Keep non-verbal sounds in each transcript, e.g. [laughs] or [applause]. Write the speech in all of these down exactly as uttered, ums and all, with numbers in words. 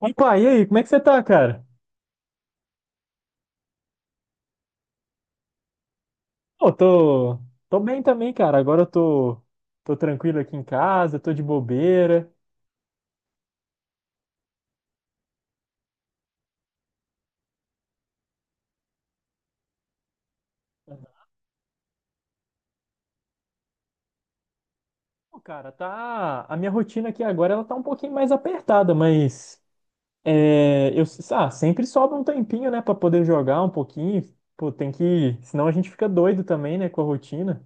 Opa, e aí, como é que você tá, cara? Pô, tô, tô bem também, cara. Agora eu tô, tô tranquilo aqui em casa, tô de bobeira. Pô, cara, tá. A minha rotina aqui agora ela tá um pouquinho mais apertada, mas é, eu, ah, sempre sobra um tempinho, né, pra poder jogar um pouquinho. Pô, tem que. Senão a gente fica doido também, né, com a rotina.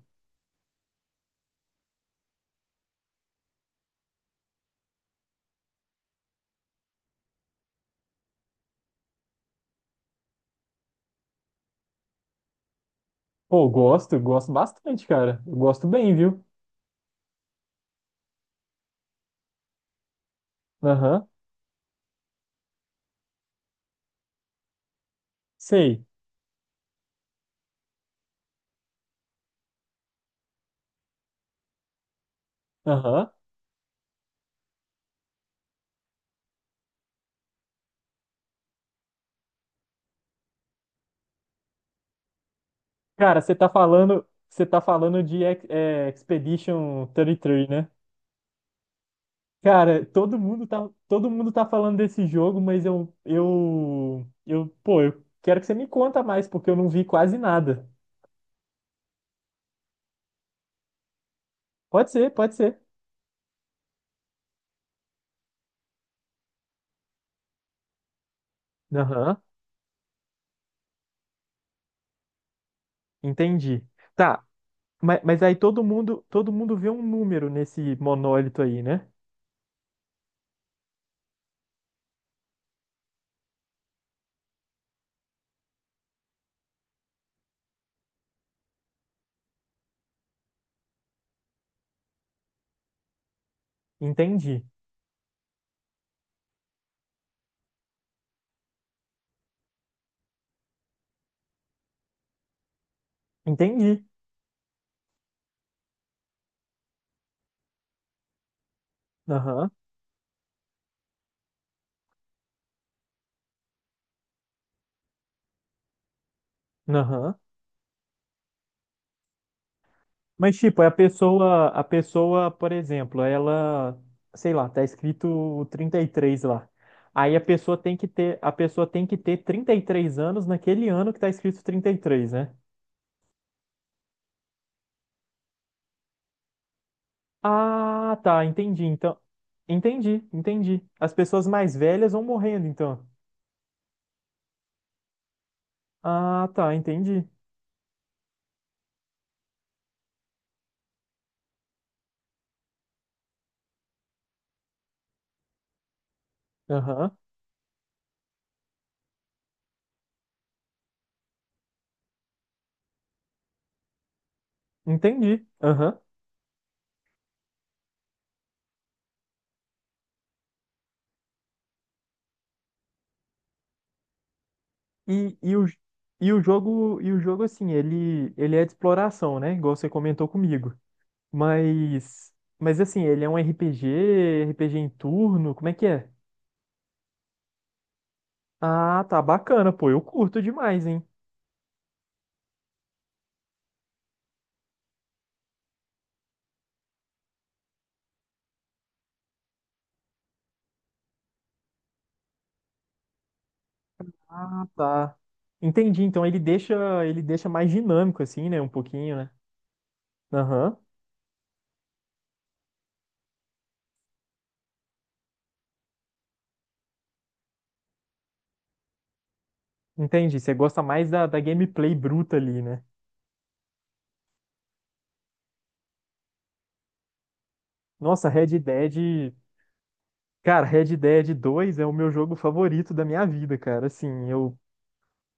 Pô, gosto, gosto bastante, cara. Eu gosto bem, viu? Aham, sei. Aham. Cara, você tá falando, você tá falando de Ex- é, Expedition trinta e três, né? Cara, todo mundo tá, todo mundo tá falando desse jogo, mas eu, eu, eu, pô, eu quero que você me conta mais, porque eu não vi quase nada. Pode ser, pode ser. Aham, entendi. Tá, mas, mas aí todo mundo, todo mundo vê um número nesse monólito aí, né? Entendi, entendi. Aham, aham. Mas, tipo, é a pessoa, a pessoa, por exemplo, ela, sei lá, tá escrito trinta e três lá. Aí a pessoa tem que ter, a pessoa tem que ter trinta e três anos naquele ano que tá escrito trinta e três, né? Ah, tá, entendi. Então, entendi, entendi. As pessoas mais velhas vão morrendo, então. Ah, tá, entendi. Aham, entendi. Aham. E, e o, e o jogo, e o jogo assim, ele, ele é de exploração, né? Igual você comentou comigo. Mas, mas assim, ele é um R P G, R P G em turno, como é que é? Ah, tá bacana, pô, eu curto demais, hein? Ah, tá. Entendi, então ele deixa, ele deixa mais dinâmico assim, né, um pouquinho, né? Aham. Entendi, você gosta mais da, da gameplay bruta ali, né? Nossa, Red Dead, cara, Red Dead dois é o meu jogo favorito da minha vida, cara. Assim, eu,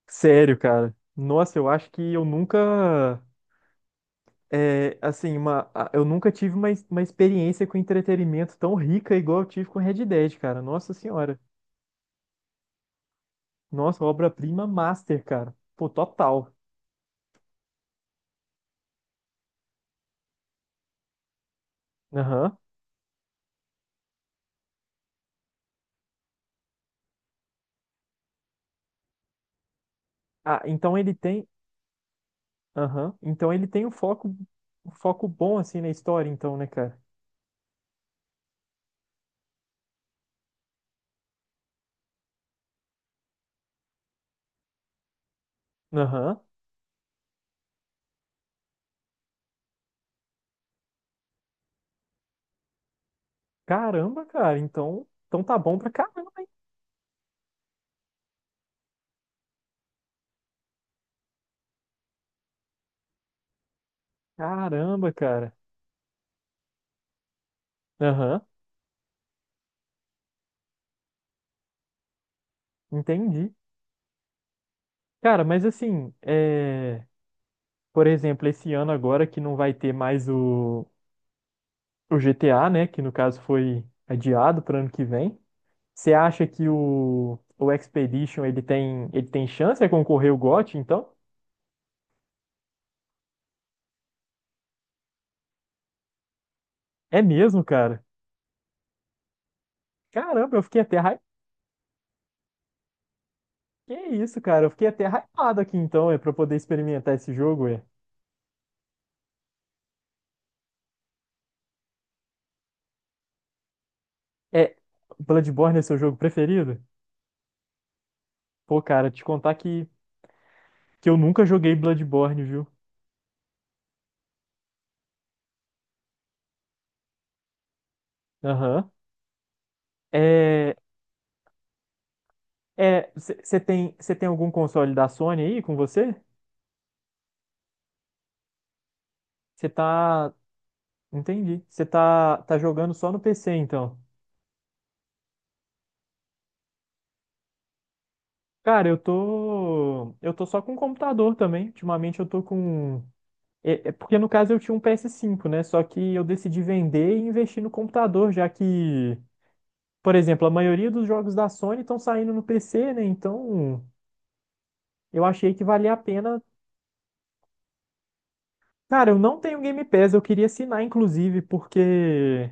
sério, cara. Nossa, eu acho que eu nunca. É, assim, uma, a- eu nunca tive uma, ex- uma experiência com entretenimento tão rica igual eu tive com Red Dead, cara. Nossa senhora. Nossa, obra-prima master, cara. Pô, total. Aham. Ah, então ele tem. Aham. Então ele tem um foco, um foco bom, assim, na história, então, né, cara? Aham. Caramba, cara. Então, então tá bom pra caramba, hein? Caramba, cara. Aham. Entendi. Cara, mas assim, é... por exemplo, esse ano agora que não vai ter mais o. o G T A, né, que no caso foi adiado para ano que vem. Você acha que o, o Expedition ele tem, ele tem chance de concorrer ao G O T, então? É mesmo, cara. Caramba, eu fiquei até hype. Que isso, cara? Eu fiquei até hypado aqui então, é para poder experimentar esse jogo, é. É Bloodborne é seu jogo preferido? Pô, cara, te contar que que eu nunca joguei Bloodborne, viu? Aham. É, é, você tem, você tem algum console da Sony aí com você? Você tá. Entendi. Você tá, tá jogando só no P C, então. Cara, eu tô. Eu tô só com computador também. Ultimamente eu tô com. É, é porque no caso eu tinha um ps cinco, né? Só que eu decidi vender e investir no computador, já que, por exemplo, a maioria dos jogos da Sony estão saindo no P C, né? Então eu achei que valia a pena. Cara, eu não tenho Game Pass, eu queria assinar, inclusive, porque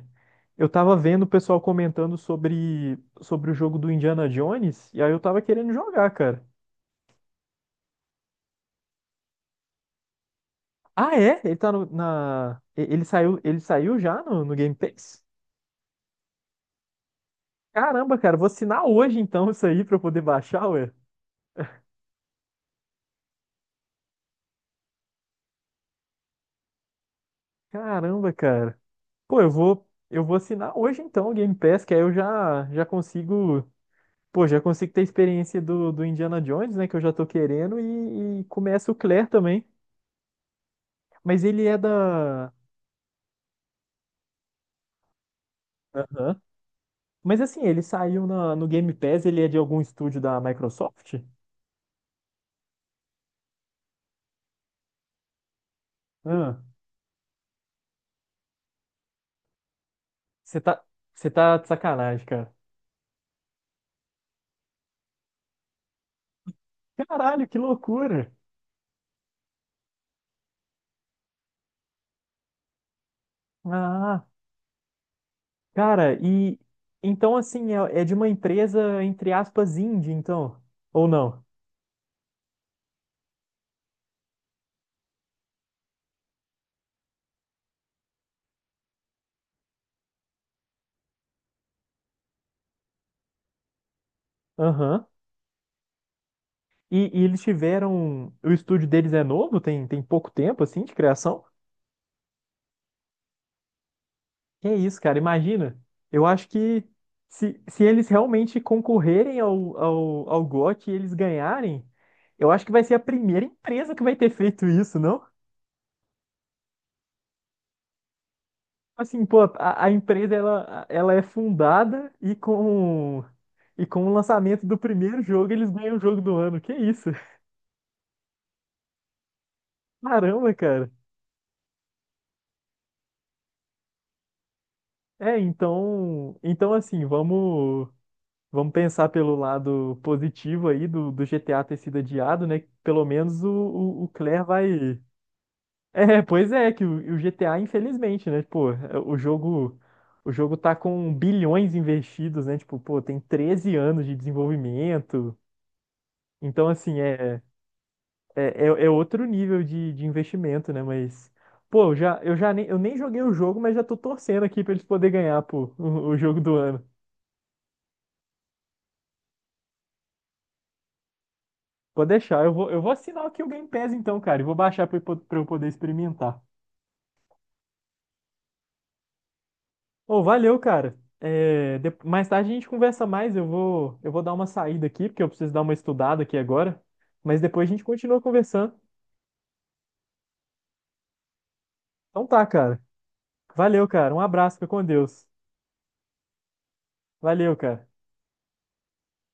eu tava vendo o pessoal comentando sobre, sobre o jogo do Indiana Jones, e aí eu tava querendo jogar, cara. Ah, é? Ele tá no, na. E- Ele saiu, ele saiu já no, no Game Pass? Caramba, cara, vou assinar hoje então isso aí pra eu poder baixar, ué. Caramba, cara. Pô, eu vou, eu vou assinar hoje então o Game Pass, que aí eu já, já consigo. Pô, já consigo ter a experiência do, do Indiana Jones, né? Que eu já tô querendo, e, e começa o Claire também. Mas ele é da. Aham. Mas assim, ele saiu na, no Game Pass, ele é de algum estúdio da Microsoft? Ah, você tá, você tá de sacanagem, cara. Caralho, que loucura! Ah, cara, e então assim, é, é de uma empresa, entre aspas, indie, então, ou não? Aham. E, e eles tiveram. O estúdio deles é novo, tem, tem pouco tempo, assim, de criação. Que é isso, cara, imagina. Eu acho que se, se eles realmente concorrerem ao, ao, ao G O T e eles ganharem, eu acho que vai ser a primeira empresa que vai ter feito isso, não? Assim, pô, a, a empresa ela, ela é fundada e com e com o lançamento do primeiro jogo eles ganham o jogo do ano. Que isso? [laughs] Caramba, cara. É, então, então assim, vamos vamos pensar pelo lado positivo aí do, do G T A ter sido adiado, né? Pelo menos o, o, o Claire vai. [laughs] É, pois é, que o, o G T A, infelizmente, né? Pô, é, o jogo o jogo tá com bilhões investidos, né? Tipo, pô, tem treze anos de desenvolvimento. Então, assim, é. É, é, é outro nível de, de investimento, né? Mas, pô, eu já, eu já nem, eu nem joguei o jogo, mas já tô torcendo aqui pra eles poderem ganhar, pô, o, o jogo do ano. Pode deixar, eu vou, eu vou assinar aqui o Game Pass então, cara, e vou baixar pra, eu po- pra eu poder experimentar. Ô, valeu, cara. É, de- mais tarde a gente conversa mais, eu vou, eu vou dar uma saída aqui, porque eu preciso dar uma estudada aqui agora. Mas depois a gente continua conversando. Então tá, cara. Valeu, cara. Um abraço, fica com Deus. Valeu, cara.